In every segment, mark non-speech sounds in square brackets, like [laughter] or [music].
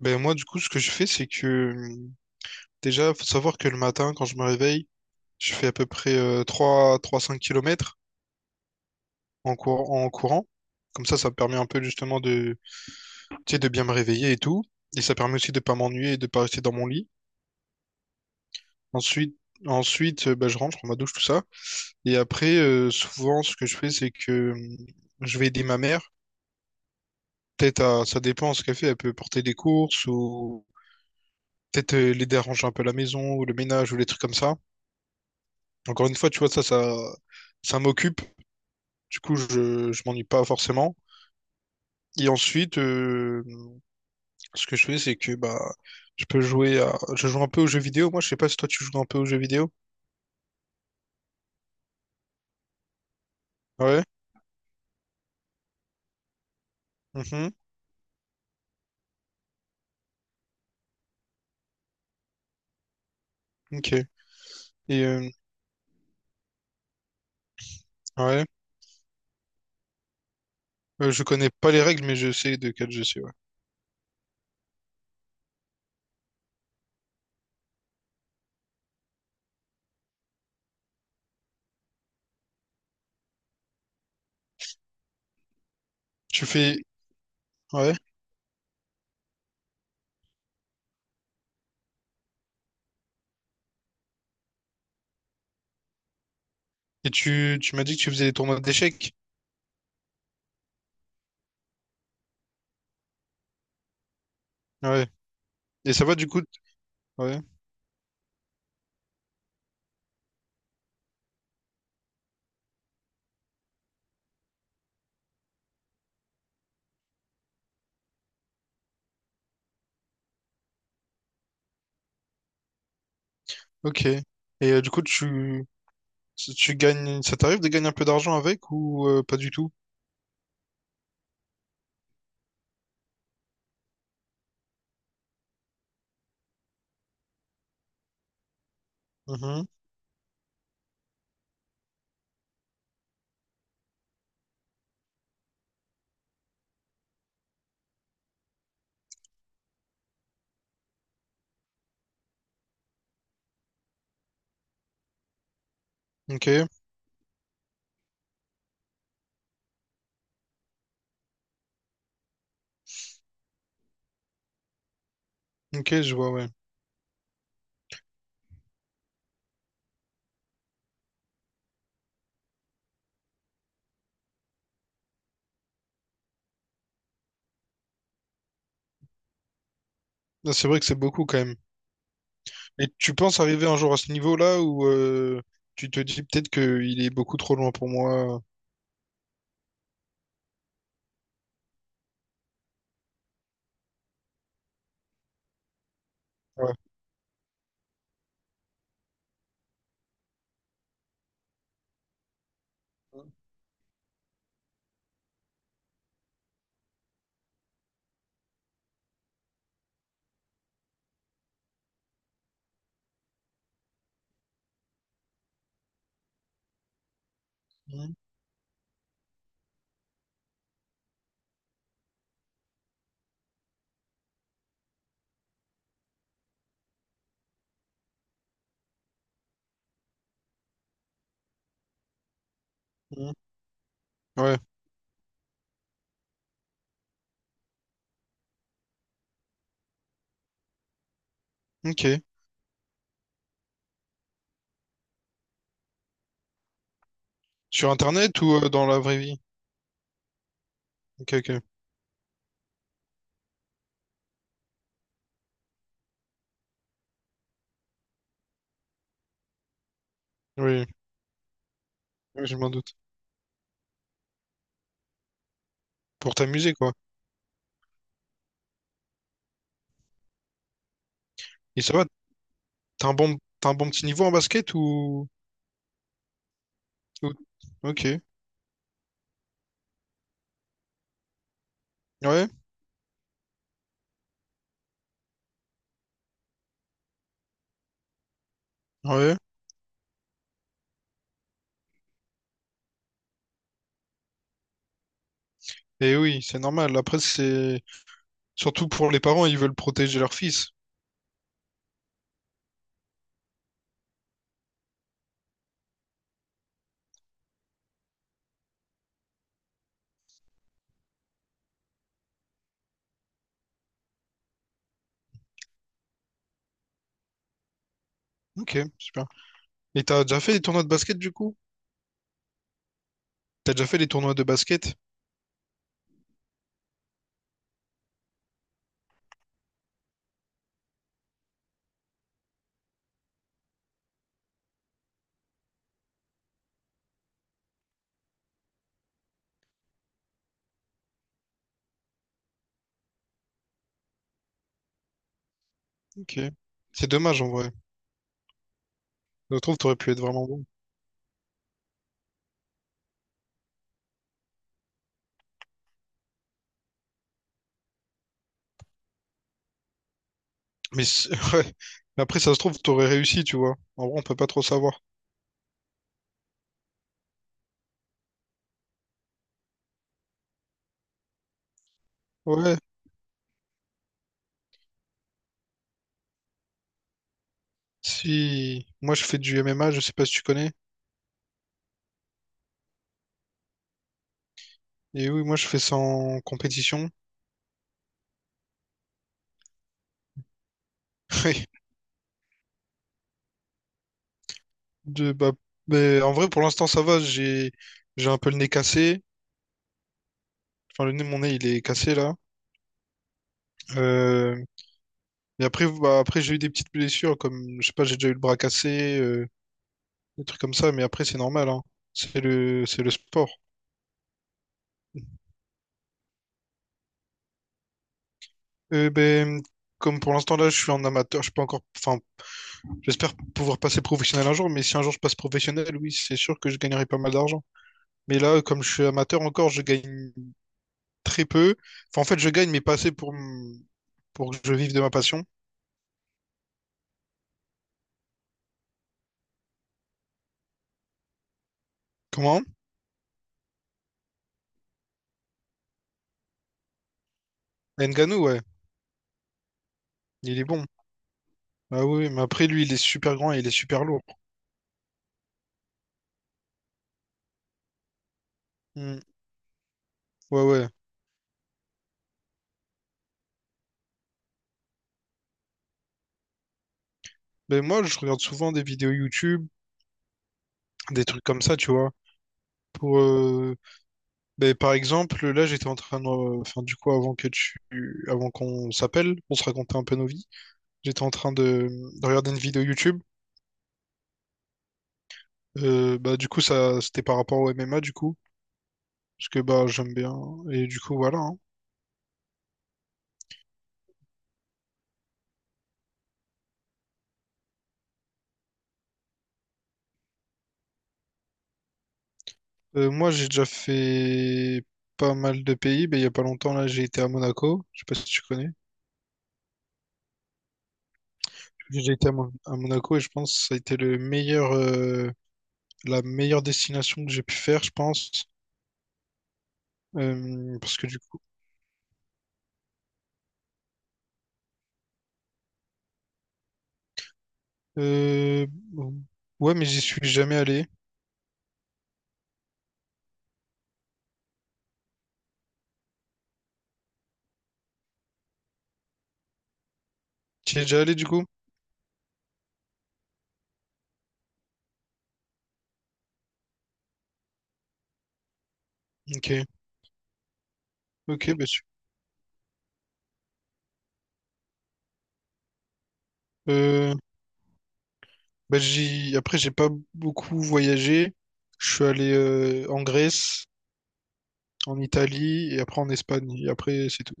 Ben moi, du coup, ce que je fais, c'est que déjà, faut savoir que le matin, quand je me réveille, je fais à peu près 3 3-5 km en courant. Comme ça me permet un peu justement de, tu sais, de bien me réveiller et tout. Et ça permet aussi de pas m'ennuyer et de pas rester dans mon lit. Ensuite, ben, je rentre, je prends ma douche, tout ça. Et après, souvent, ce que je fais, c'est que je vais aider ma mère. Ça dépend ce qu'elle fait. Elle peut porter des courses ou peut-être l'aider à ranger un peu la maison ou le ménage ou les trucs comme ça. Encore une fois, tu vois, ça m'occupe. Du coup, je m'ennuie pas forcément. Et ensuite, ce que je fais, c'est que bah, je peux jouer à... Je joue un peu aux jeux vidéo. Moi, je sais pas si toi, tu joues un peu aux jeux vidéo. Ouais. Mhm. Ok. Et ouais. Je connais pas les règles, mais je sais de quel jeu c'est. Ouais. Tu fais... Ouais. Et tu m'as dit que tu faisais des tournois d'échecs. Ouais. Et ça va, du coup? Ouais. Ok. Et du coup, tu gagnes... Ça t'arrive de gagner un peu d'argent avec ou pas du tout? Mhm. Ok. Ok, je vois, ouais. Ah, c'est vrai que c'est beaucoup quand même. Et tu penses arriver un jour à ce niveau-là où tu te dis peut-être qu'il est beaucoup trop loin pour moi. Ouais. Mhm, mhm. Ouais, ok. Sur Internet ou dans la vraie vie? Ok, ok. Oui, oui, je m'en doute. Pour t'amuser, quoi. Et ça va, t'as un bon petit niveau en basket ou- Ok. Ouais, ouais. Et oui, c'est normal. Après, c'est... Surtout pour les parents, ils veulent protéger leur fils. Ok, super. Et t'as déjà fait des tournois de basket, du coup? T'as déjà fait les tournois de basket? Ok. C'est dommage en vrai. Je trouve t'aurais pu être vraiment bon. Mais c'est- [laughs] ouais. Mais après, ça se trouve, t'aurais réussi, tu vois. En vrai, on peut pas trop savoir. Ouais. Si. Moi, je fais du MMA, je sais pas si tu connais. Et oui, moi, je fais ça en compétition. [laughs] Oui. Bah, mais en vrai, pour l'instant, ça va. J'ai un peu le nez cassé. Enfin, le nez, mon nez, il est cassé là. Euh, mais après, bah, après j'ai eu des petites blessures, comme, je sais pas, j'ai déjà eu le bras cassé, des trucs comme ça, mais après, c'est normal, hein. C'est c'est le sport. Ben, comme pour l'instant, là, je suis en amateur, je peux encore, enfin, j'espère pouvoir passer professionnel un jour, mais si un jour je passe professionnel, oui, c'est sûr que je gagnerai pas mal d'argent. Mais là, comme je suis amateur encore, je gagne très peu. Enfin, en fait, je gagne, mais pas assez pour, m- pour que je vive de ma passion. Comment? Ngannou, ouais, il est bon. Ah oui, mais après, lui, il est super grand et il est super lourd. Hmm. Ouais, ouais. Mais moi, je regarde souvent des vidéos YouTube, des trucs comme ça, tu vois. Pour, ben, par exemple, là, j'étais en train de, enfin, du coup, avant qu'on s'appelle, on se racontait un peu nos vies. J'étais en train de regarder une vidéo YouTube. Bah, du coup, ça, c'était par rapport au MMA, du coup, parce que bah, j'aime bien. Et du coup, voilà. Hein. Moi, j'ai déjà fait pas mal de pays, mais il y a pas longtemps, là, j'ai été à Monaco. Je sais pas si tu connais. J'ai été à, Mon- à Monaco et je pense que ça a été le meilleur, la meilleure destination que j'ai pu faire, je pense. Parce que du coup, euh, ouais, mais j'y suis jamais allé. Tu y es déjà allé du coup? Ok, ok, bah, su- euh, bah, j'y, après, j'ai pas beaucoup voyagé. Je suis allé en Grèce, en Italie et après en Espagne. Et après, c'est tout.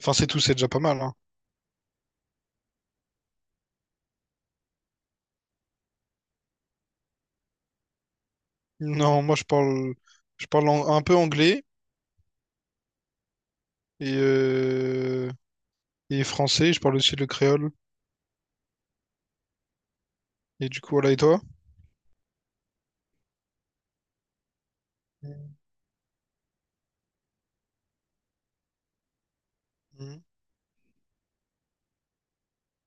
Enfin, c'est tout, c'est déjà pas mal, hein. Non, je parle un peu anglais et, euh, et français. Je parle aussi le créole. Et du coup, voilà, et toi? Mhm.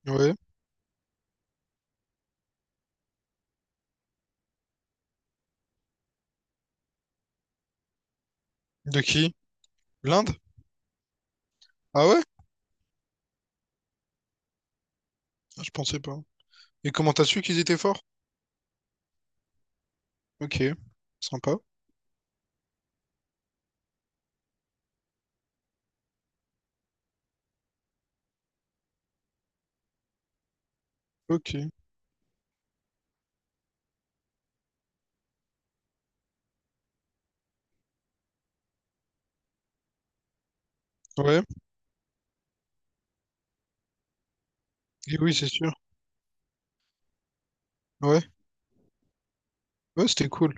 Ouais. De qui? L'Inde? Ah ouais? Ah, je pensais pas. Et comment t'as su qu'ils étaient forts? Ok. Sympa. Ok. Ouais. Et oui, c'est sûr. Ouais. Ouais, c'était cool.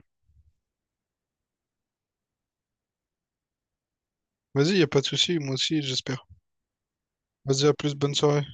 Vas-y, y a pas de souci. Moi aussi, j'espère. Vas-y, à plus. Bonne soirée.